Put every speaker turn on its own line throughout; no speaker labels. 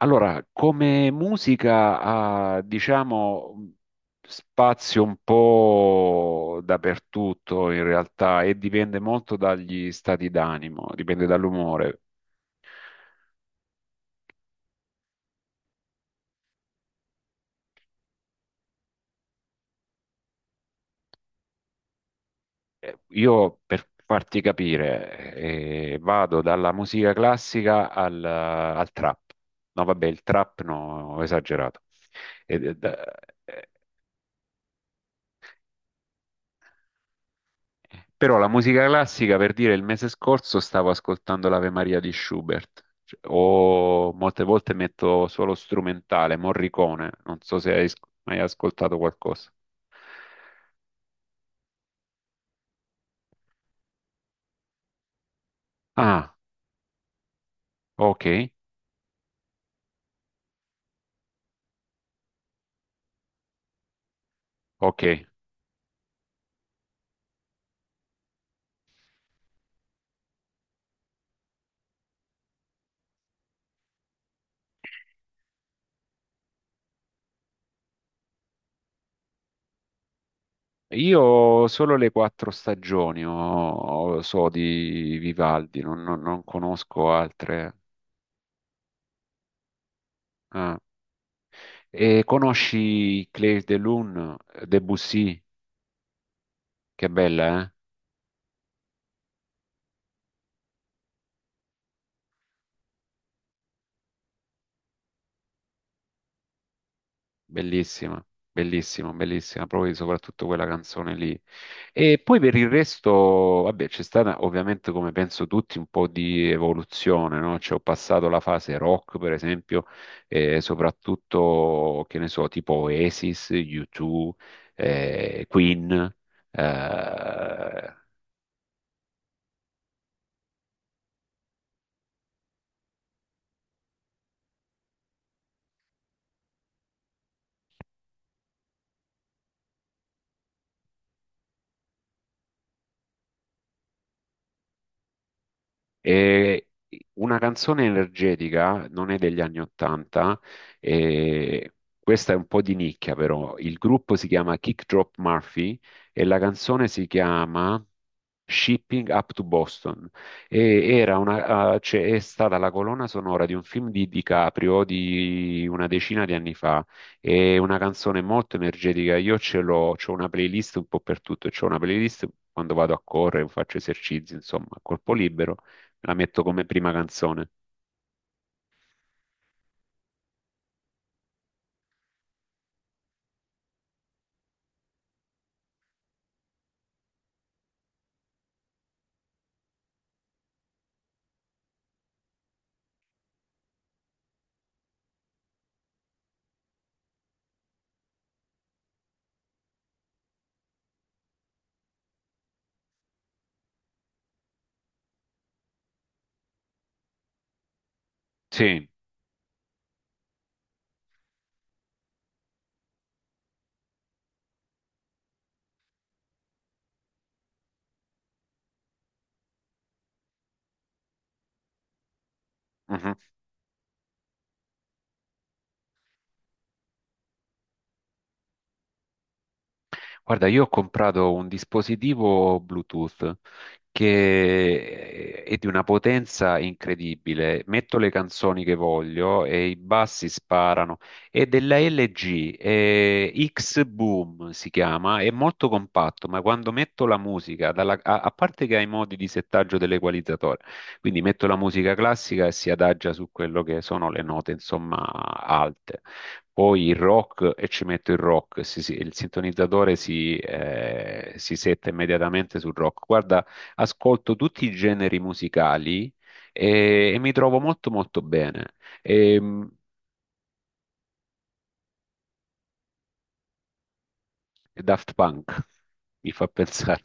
Allora, come musica ha, diciamo, spazio un po' dappertutto in realtà e dipende molto dagli stati d'animo, dipende dall'umore. Io, per farti capire, vado dalla musica classica al, al trap. No, vabbè, il trap no, ho esagerato. Ed- ed- eh, Però la musica classica, per dire, il mese scorso stavo ascoltando l'Ave Maria di Schubert, cioè, o molte volte metto solo strumentale, Morricone, non so se hai mai ascoltato qualcosa. Ah, ok, ok. Io solo le Quattro Stagioni so di Vivaldi, non conosco altre. Ah. E conosci Claire de Lune, Debussy? Che bella, eh? Bellissima, bellissima, bellissima, proprio soprattutto quella canzone lì. E poi per il resto, vabbè, c'è stata ovviamente, come penso tutti, un po' di evoluzione, no? Cioè, ho passato la fase rock, per esempio, soprattutto, che ne so, tipo Oasis, U2, Queen, eh, E una canzone energetica non è degli anni 80, e questa è un po' di nicchia però. Il gruppo si chiama Kick Drop Murphy e la canzone si chiama Shipping Up to Boston. E era una, cioè, è stata la colonna sonora di un film di DiCaprio di una decina di anni fa. È una canzone molto energetica. Io ce l'ho, c'ho una playlist un po' per tutto. C'ho una playlist quando vado a correre, faccio esercizi, insomma, a corpo libero. La metto come prima canzone. Sì. Mhm. Guarda, io ho comprato un dispositivo Bluetooth che è di una potenza incredibile. Metto le canzoni che voglio e i bassi sparano. È della LG, è X-Boom si chiama, è molto compatto, ma quando metto la musica, a parte che ha i modi di settaggio dell'equalizzatore, quindi metto la musica classica e si adagia su quello che sono le note, insomma, alte. Poi il rock e ci metto il rock, il sintonizzatore si setta immediatamente sul rock. Guarda, ascolto tutti i generi musicali e mi trovo molto molto bene. E, mh, Daft Punk mi fa pensare.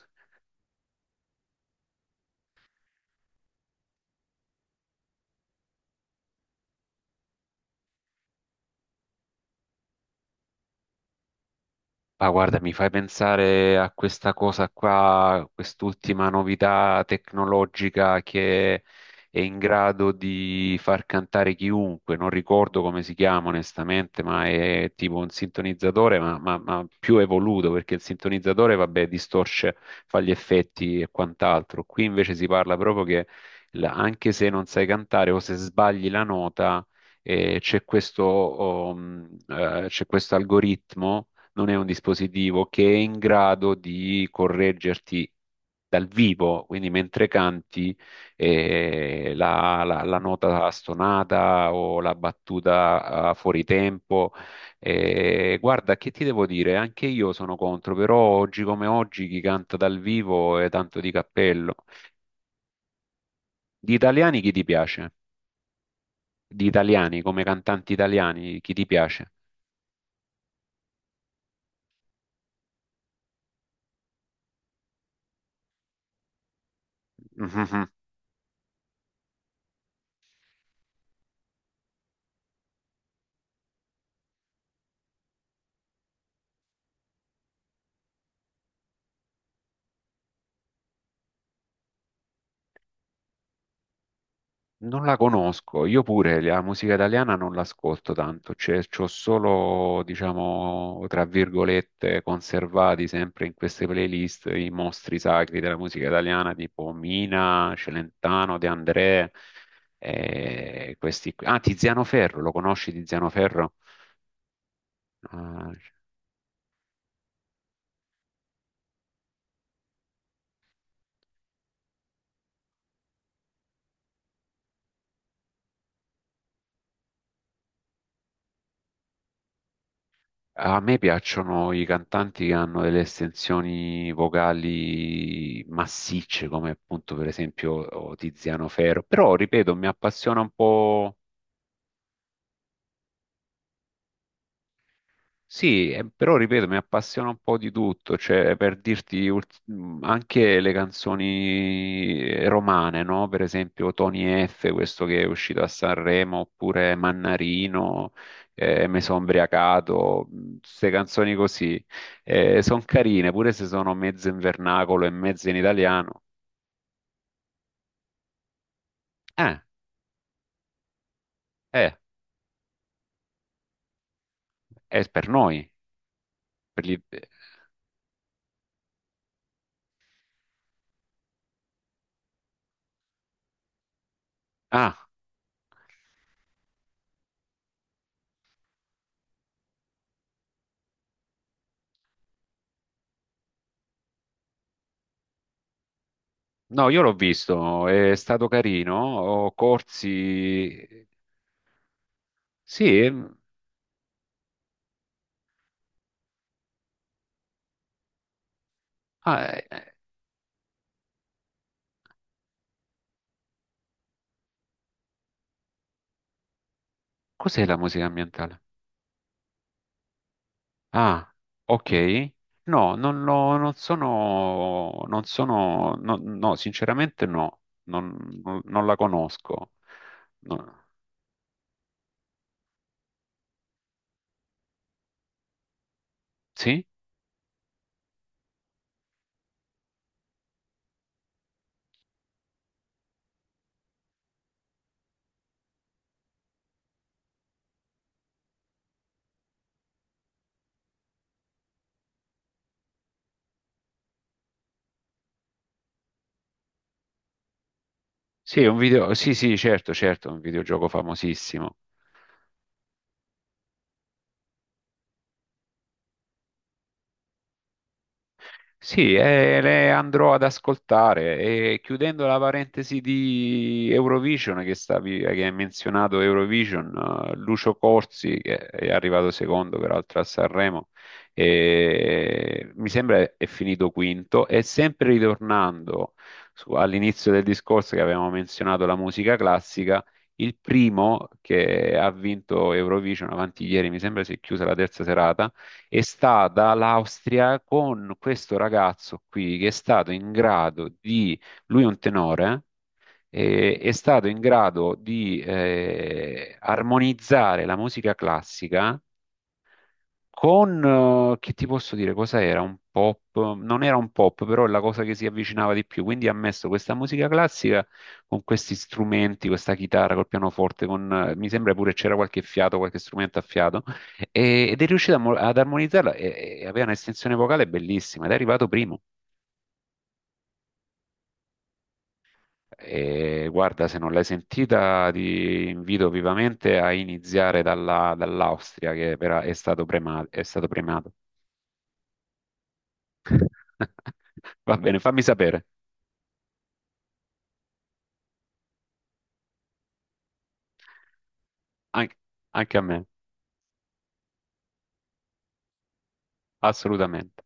Ah, guarda, mi fai pensare a questa cosa qua, quest'ultima novità tecnologica che è in grado di far cantare chiunque. Non ricordo come si chiama onestamente, ma è tipo un sintonizzatore, ma più evoluto, perché il sintonizzatore, vabbè, distorce, fa gli effetti e quant'altro. Qui invece si parla proprio che la- anche se non sai cantare o se sbagli la nota, eh, c'è questo, oh, mh, c'è questo algoritmo non è un dispositivo che è in grado di correggerti dal vivo, quindi mentre canti la nota stonata o la battuta fuori tempo. Guarda, che ti devo dire? Anche io sono contro, però oggi come oggi chi canta dal vivo è tanto di cappello. Di italiani chi ti piace? Di italiani, come cantanti italiani, chi ti piace? Non la conosco, io pure la musica italiana non l'ascolto tanto, cioè c'ho solo, diciamo, tra virgolette, conservati sempre in queste playlist i mostri sacri della musica italiana, tipo Mina, Celentano, De André, questi qui. Ah, Tiziano Ferro, lo conosci Tiziano Ferro? Ah. A me piacciono i cantanti che hanno delle estensioni vocali massicce, come appunto per esempio Tiziano Ferro, però ripeto, mi appassiona un po'. Sì, però ripeto, mi appassiona un po' di tutto, cioè per dirti anche le canzoni romane, no? Per esempio Tony F, questo che è uscito a Sanremo, oppure Mannarino, Me son ubriacato, queste canzoni così, sono carine, pure se sono mezzo in vernacolo e mezzo in italiano. Eh, eh, è per noi, per gli- eh, Ah, no, io l'ho visto, è stato carino. Corsi. Sì, ah, cos'è la musica ambientale? Ah, ok. No, non sono, no, no, sinceramente no, non la conosco. No. Sì? Sì, è un video, sì, sì, certo, certo, è un videogioco famosissimo. Sì, le andrò ad ascoltare e chiudendo la parentesi di Eurovision che hai menzionato Eurovision, Lucio Corsi che è arrivato secondo peraltro a Sanremo e mi sembra è finito quinto e sempre ritornando all'inizio del discorso che avevamo menzionato la musica classica, il primo che ha vinto Eurovision avanti ieri, mi sembra si è chiusa la terza serata è stata l'Austria con questo ragazzo qui che è stato in grado di, lui è un tenore, è stato in grado di armonizzare la musica classica con, che ti posso dire, cosa era? Un pop? Non era un pop, però è la cosa che si avvicinava di più. Quindi ha messo questa musica classica con questi strumenti, questa chitarra col pianoforte, con, mi sembra pure c'era qualche fiato, qualche strumento a fiato, ed è riuscito ad armonizzarla e aveva un'estensione vocale bellissima ed è arrivato primo. E guarda, se non l'hai sentita, ti invito vivamente a iniziare dall'Austria, che però è stato è stato premiato. Va bene, fammi sapere, An- anche a me, assolutamente.